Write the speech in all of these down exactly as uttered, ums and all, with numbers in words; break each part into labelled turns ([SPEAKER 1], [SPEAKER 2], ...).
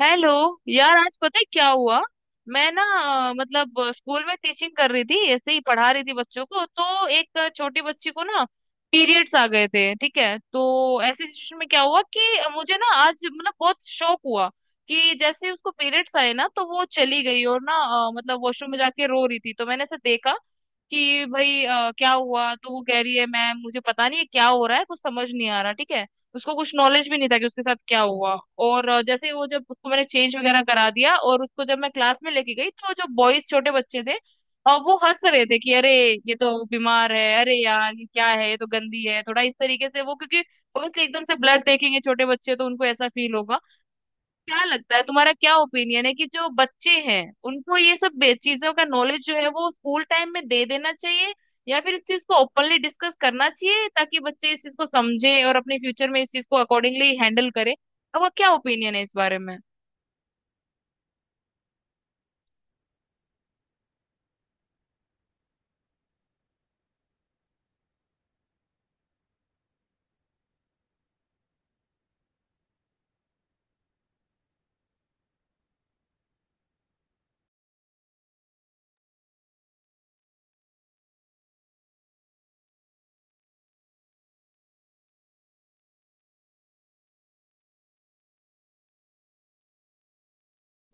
[SPEAKER 1] Hello. यार, आज पता है क्या हुआ? मैं ना अ, मतलब अ, स्कूल में टीचिंग कर रही थी, ऐसे ही पढ़ा रही थी बच्चों को, तो एक अ, छोटी बच्ची को ना पीरियड्स आ गए थे, ठीक है। तो ऐसी सिचुएशन में क्या हुआ कि मुझे ना आज मतलब बहुत शौक हुआ कि जैसे ही उसको पीरियड्स आए ना तो वो चली गई और ना अ, मतलब वॉशरूम में जाके रो रही थी। तो मैंने ऐसे देखा कि भाई अ, क्या हुआ, तो वो कह रही है मैम मुझे पता नहीं है क्या हो रहा है, कुछ समझ नहीं आ रहा, ठीक है। उसको कुछ नॉलेज भी नहीं था कि उसके साथ क्या हुआ। और अ, जैसे ही वो, जब उसको मैंने चेंज वगैरह करा दिया और उसको जब मैं क्लास में लेके गई, तो जो बॉयज छोटे बच्चे थे अ, वो हंस रहे थे कि अरे ये तो बीमार है, अरे यार ये क्या है, ये तो गंदी है, थोड़ा इस तरीके से। वो क्योंकि obviously एकदम से ब्लड देखेंगे छोटे बच्चे तो उनको ऐसा फील होगा। क्या लगता है तुम्हारा, क्या ओपिनियन है कि जो बच्चे हैं उनको ये सब बे- चीजों का नॉलेज जो है वो स्कूल टाइम में दे देना चाहिए, या फिर इस चीज को ओपनली डिस्कस करना चाहिए ताकि बच्चे इस चीज को समझे और अपने फ्यूचर में इस चीज को अकॉर्डिंगली हैंडल करें? आपका क्या ओपिनियन है इस बारे में?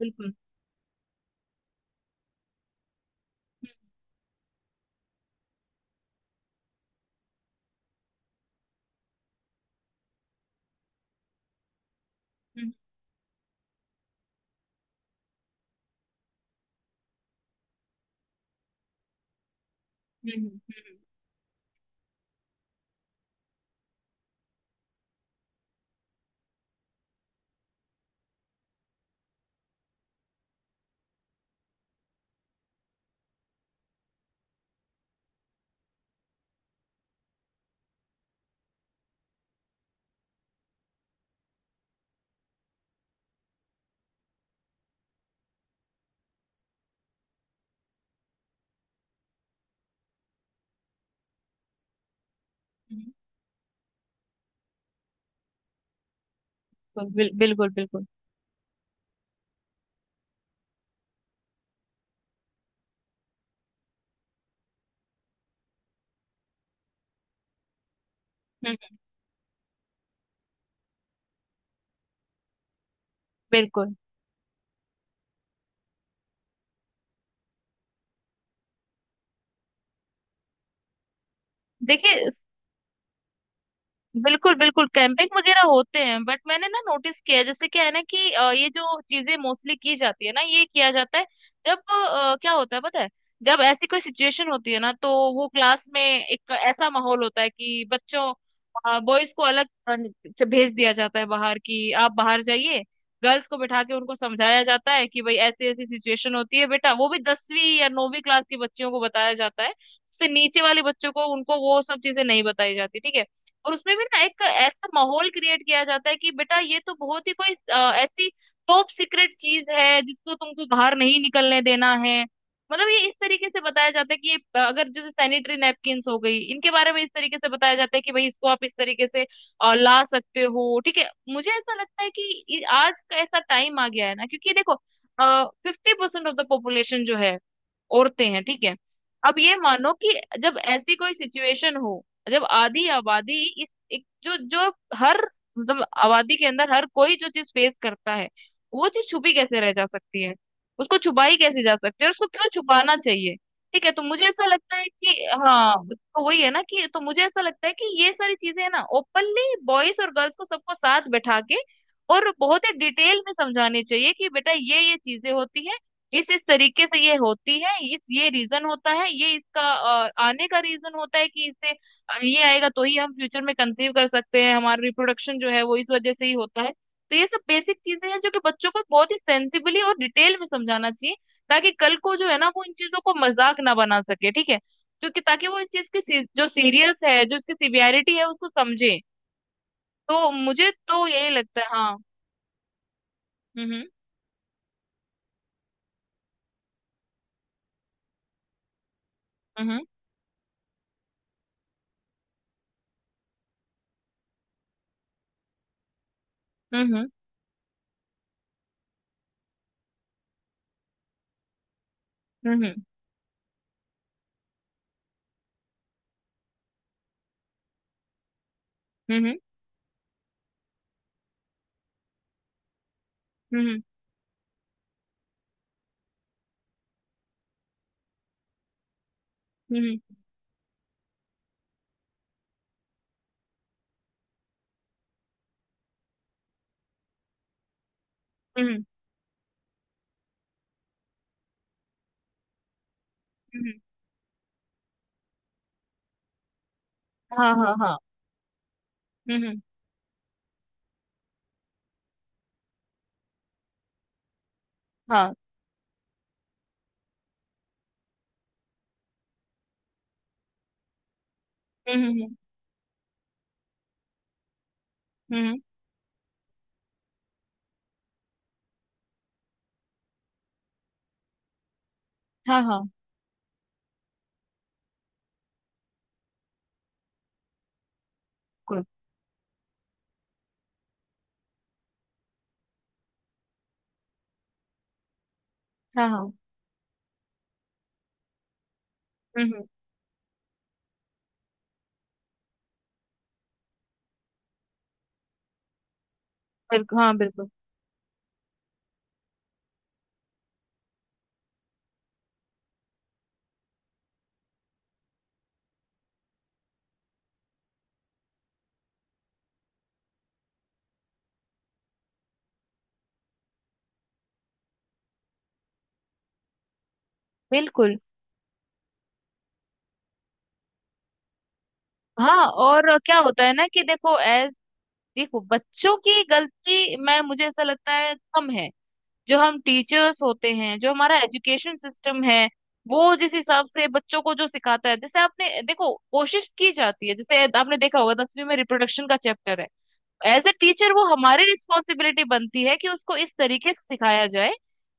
[SPEAKER 1] बिल्कुल। हम्म, हम्म, हम्म, हम्म, हम्म, हम्म। बिल्कुल, बिल्कुल, बिल्कुल। हम्म। बिल्कुल। देखिए, बिल्कुल बिल्कुल कैंपिंग वगैरह होते हैं, बट मैंने ना नोटिस किया है, जैसे क्या है ना कि अ, ये जो चीजें मोस्टली की जाती है ना, ये किया जाता है। जब अ, क्या होता है पता है, जब ऐसी कोई सिचुएशन होती है ना तो वो क्लास में एक ऐसा माहौल होता है कि बच्चों, बॉयज को अलग अ, से भेज दिया जाता है बाहर कि आप बाहर जाइए। गर्ल्स को बिठा के उनको समझाया जाता है कि भाई ऐसी ऐसी सिचुएशन होती है बेटा, वो भी दसवीं या नौवीं क्लास के बच्चियों को बताया जाता है, उससे नीचे वाले बच्चों को, उनको वो सब चीजें नहीं बताई जाती, ठीक है। और उसमें भी ना एक ऐसा माहौल क्रिएट किया जाता है कि बेटा ये तो बहुत ही कोई अ, ऐसी टॉप सीक्रेट चीज है जिसको तुमको बाहर नहीं निकलने देना है। मतलब ये इस तरीके से बताया जाता है कि ये, अ, अगर जैसे सैनिटरी नैपकिन्स हो गई, इनके बारे में इस तरीके से बताया जाता है कि भाई इसको आप इस तरीके से अ, ला सकते हो, ठीक है। मुझे ऐसा लगता है कि ये- आज का ऐसा टाइम आ गया है ना, क्योंकि देखो fifty percent of the population जो है औरतें हैं, ठीक है। अब ये मानो कि जब ऐसी कोई सिचुएशन हो, जब आधी आबादी इस, एक जो जो, हर, मतलब आबादी के अंदर हर कोई जो चीज फेस करता है वो चीज छुपी कैसे रह जा सकती है, उसको छुपाई कैसे जा सकती है, उसको क्यों छुपाना चाहिए? ठीक है, तो मुझे ऐसा लगता है कि हाँ, तो वही है ना कि, तो मुझे ऐसा लगता है कि ये सारी चीजें है ना ओपनली बॉयज और गर्ल्स को सबको साथ बैठा के और बहुत ही डिटेल में समझानी चाहिए कि बेटा ये ये चीजें होती हैं, इस इस तरीके से ये होती है, इस ये रीजन होता है ये इसका अ, आने का रीजन होता है कि इससे, अ, ये आएगा तो ही हम फ्यूचर में कंसीव कर सकते हैं, हमारा रिप्रोडक्शन जो है वो इस वजह से ही होता है। तो ये सब बेसिक चीजें हैं जो कि बच्चों को बहुत ही सेंसिबली और डिटेल में समझाना चाहिए, ताकि कल को जो है ना वो इन चीजों को मजाक ना बना सके, ठीक है क्योंकि, ताकि वो इस चीज की सी- जो सीरियस है, जो इसकी सिवियरिटी है उसको समझे। तो मुझे तो यही लगता है, हाँ। हम्म, हम्म, हम्म, हम्म, हम्म, हम्म, हम्म, हम्म, हम्म, हम्म, हम्म, हम्म। हम्म, हाँ हाँ हाँ। हम्म, हम्म, हाँ। हम्म, हम्म, हम्म, हम्म, हम्म। हाँ हाँ। बिल्कुल। हाँ हाँ। हम्म, हम्म। बिल्कुल। हाँ बिल्कुल। बिल्कुल। हाँ, और क्या होता है ना कि देखो एज, देखो बच्चों की गलती, मैं मुझे ऐसा लगता है कम है। जो हम टीचर्स होते हैं, जो हमारा एजुकेशन सिस्टम है, वो जिस हिसाब से बच्चों को जो सिखाता है, जैसे आपने देखो कोशिश की जाती है, जैसे आपने देखा होगा दसवीं में रिप्रोडक्शन का चैप्टर है, एज अ टीचर वो हमारी रिस्पॉन्सिबिलिटी बनती है कि उसको इस तरीके से सिखाया जाए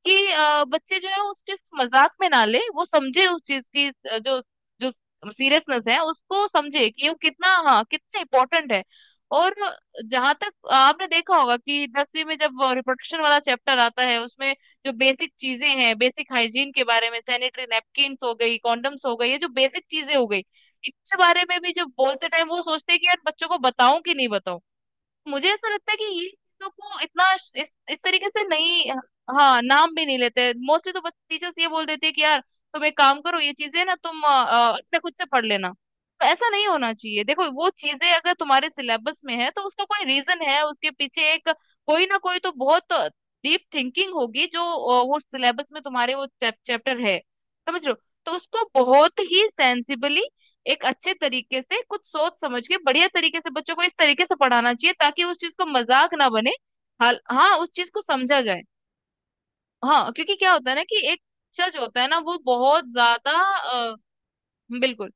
[SPEAKER 1] कि अ, बच्चे जो है उस चीज को मजाक में ना ले, वो समझे उस चीज की, अ, जो जो सीरियसनेस है उसको समझे कि वो कितना, हाँ कितना इम्पोर्टेंट है। और जहां तक आपने देखा होगा कि दसवीं में जब रिप्रोडक्शन वाला चैप्टर आता है उसमें जो बेसिक चीजें हैं, बेसिक हाइजीन के बारे में, सैनिटरी नैपकिन्स हो गई, कॉन्डम्स हो गई, ये जो बेसिक चीजें हो गई, इसके बारे में भी जो बोलते टाइम वो सोचते हैं कि यार बच्चों को बताऊं कि नहीं बताऊं। मुझे ऐसा लगता है कि ये चीजों को इतना इस, इस तरीके से नहीं। हाँ, नाम भी नहीं लेते मोस्टली, तो बस टीचर्स ये बोल देते हैं कि यार तुम एक काम करो, ये चीजें ना तुम अ, अ, अपने खुद से पढ़ लेना। तो ऐसा नहीं होना चाहिए, देखो वो चीजें अगर तुम्हारे सिलेबस में है तो उसका कोई रीजन है उसके पीछे, एक कोई ना कोई तो बहुत डीप थिंकिंग होगी जो, अ, वो सिलेबस में तुम्हारे वो चैप्टर है, समझ रहे हो? तो उसको बहुत ही सेंसिबली, एक अच्छे तरीके से कुछ सोच समझ के बढ़िया तरीके से बच्चों को इस तरीके से पढ़ाना चाहिए ताकि उस चीज को मजाक ना बने, हाल हाँ उस चीज को समझा जाए। हाँ क्योंकि क्या होता है ना कि एक टीचर जो होता है ना वो बहुत ज्यादा अ, बिल्कुल,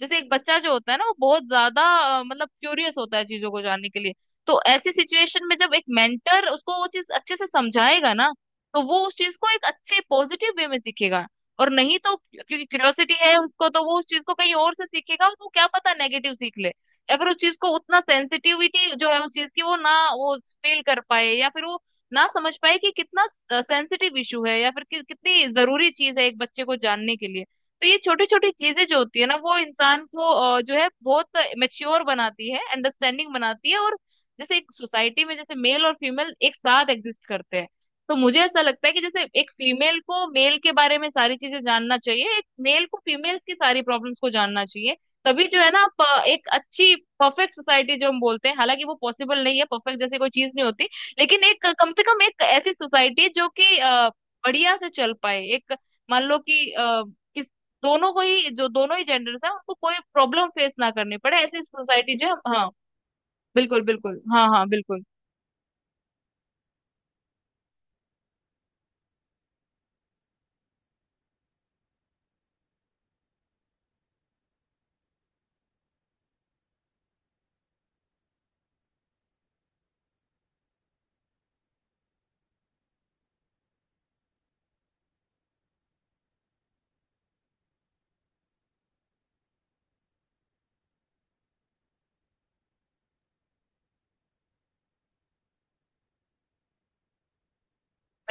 [SPEAKER 1] जैसे एक बच्चा जो होता है ना वो बहुत ज्यादा अ, मतलब क्यूरियस होता है चीजों को जानने के लिए। तो ऐसी सिचुएशन में जब एक मेंटर उसको वो चीज अच्छे से समझाएगा ना तो वो उस चीज को एक अच्छे पॉजिटिव वे में सीखेगा। और नहीं तो क्योंकि क्यूरियोसिटी है उसको तो वो उस चीज को कहीं और से सीखेगा, उसको क्या पता नेगेटिव सीख ले। या फिर उस चीज को उतना, सेंसिटिविटी जो है उस चीज की वो ना वो फील कर पाए, या फिर वो ना समझ पाए कि कितना सेंसिटिव इशू है, या फिर कि, कितनी जरूरी चीज है एक बच्चे को जानने के लिए। तो ये छोटी छोटी चीजें जो होती है ना वो इंसान को अ, जो है बहुत मेच्योर बनाती है, अंडरस्टैंडिंग बनाती है। और जैसे एक सोसाइटी में जैसे मेल और फीमेल एक साथ एग्जिस्ट करते हैं, तो मुझे ऐसा लगता है कि जैसे एक फीमेल को मेल के बारे में सारी चीजें जानना चाहिए, एक मेल को फीमेल की सारी प्रॉब्लम्स को जानना चाहिए। तभी जो है ना आप अ, एक अच्छी, परफेक्ट सोसाइटी जो हम बोलते हैं, हालांकि वो पॉसिबल नहीं है, परफेक्ट जैसी कोई चीज नहीं होती, लेकिन एक कम से कम एक ऐसी सोसाइटी जो कि अ, बढ़िया से चल पाए, एक, मान लो कि अ, दोनों को ही, जो दोनों ही जेंडर्स हैं उनको कोई प्रॉब्लम फेस ना करनी पड़े, ऐसी सोसाइटी जो है- हाँ बिल्कुल, बिल्कुल हाँ हाँ, बिल्कुल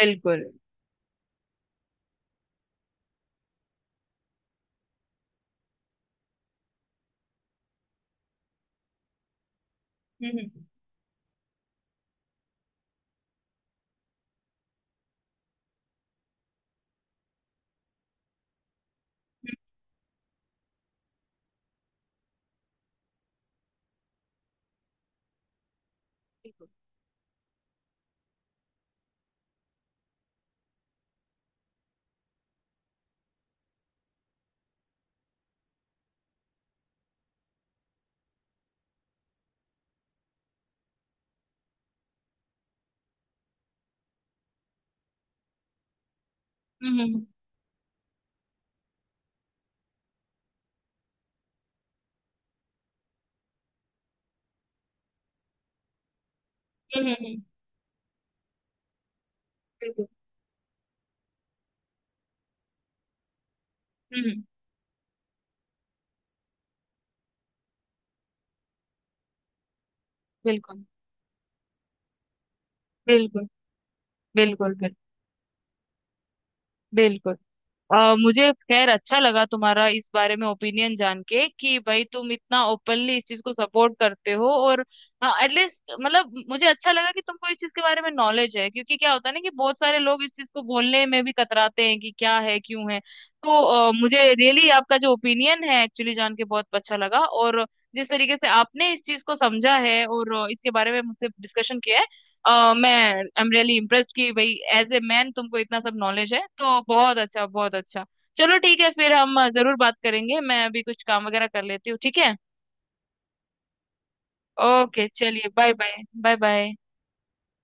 [SPEAKER 1] बिल्कुल। हम्म, हम्म, हम्म। बिल्कुल। हम्म, हम्म, हम्म, हम्म, हम्म। बिल्कुल। हम्म, हम्म। बिल्कुल, बिल्कुल, बिल्कुल, बिल्कुल। अ, मुझे खैर अच्छा लगा तुम्हारा इस बारे में ओपिनियन जान के कि भाई तुम इतना ओपनली इस चीज को सपोर्ट करते हो, और एटलीस्ट मतलब मुझे अच्छा लगा कि तुमको इस चीज के बारे में नॉलेज है, क्योंकि क्या होता है ना कि बहुत सारे लोग इस चीज को बोलने में भी कतराते हैं कि क्या है क्यों है। तो अ, मुझे रियली आपका जो ओपिनियन है एक्चुअली जान के बहुत अच्छा लगा, और जिस तरीके से आपने इस चीज को समझा है और इसके बारे में मुझसे डिस्कशन किया है, अ, मैं, आई एम रियली इम्प्रेस्ड कि भाई एज ए मैन तुमको इतना सब नॉलेज है, तो बहुत अच्छा बहुत अच्छा। चलो ठीक है फिर, हम अ, जरूर बात करेंगे, मैं अभी कुछ काम वगैरह कर लेती हूँ, ठीक है। ओके चलिए, बाय बाय, बाय बाय।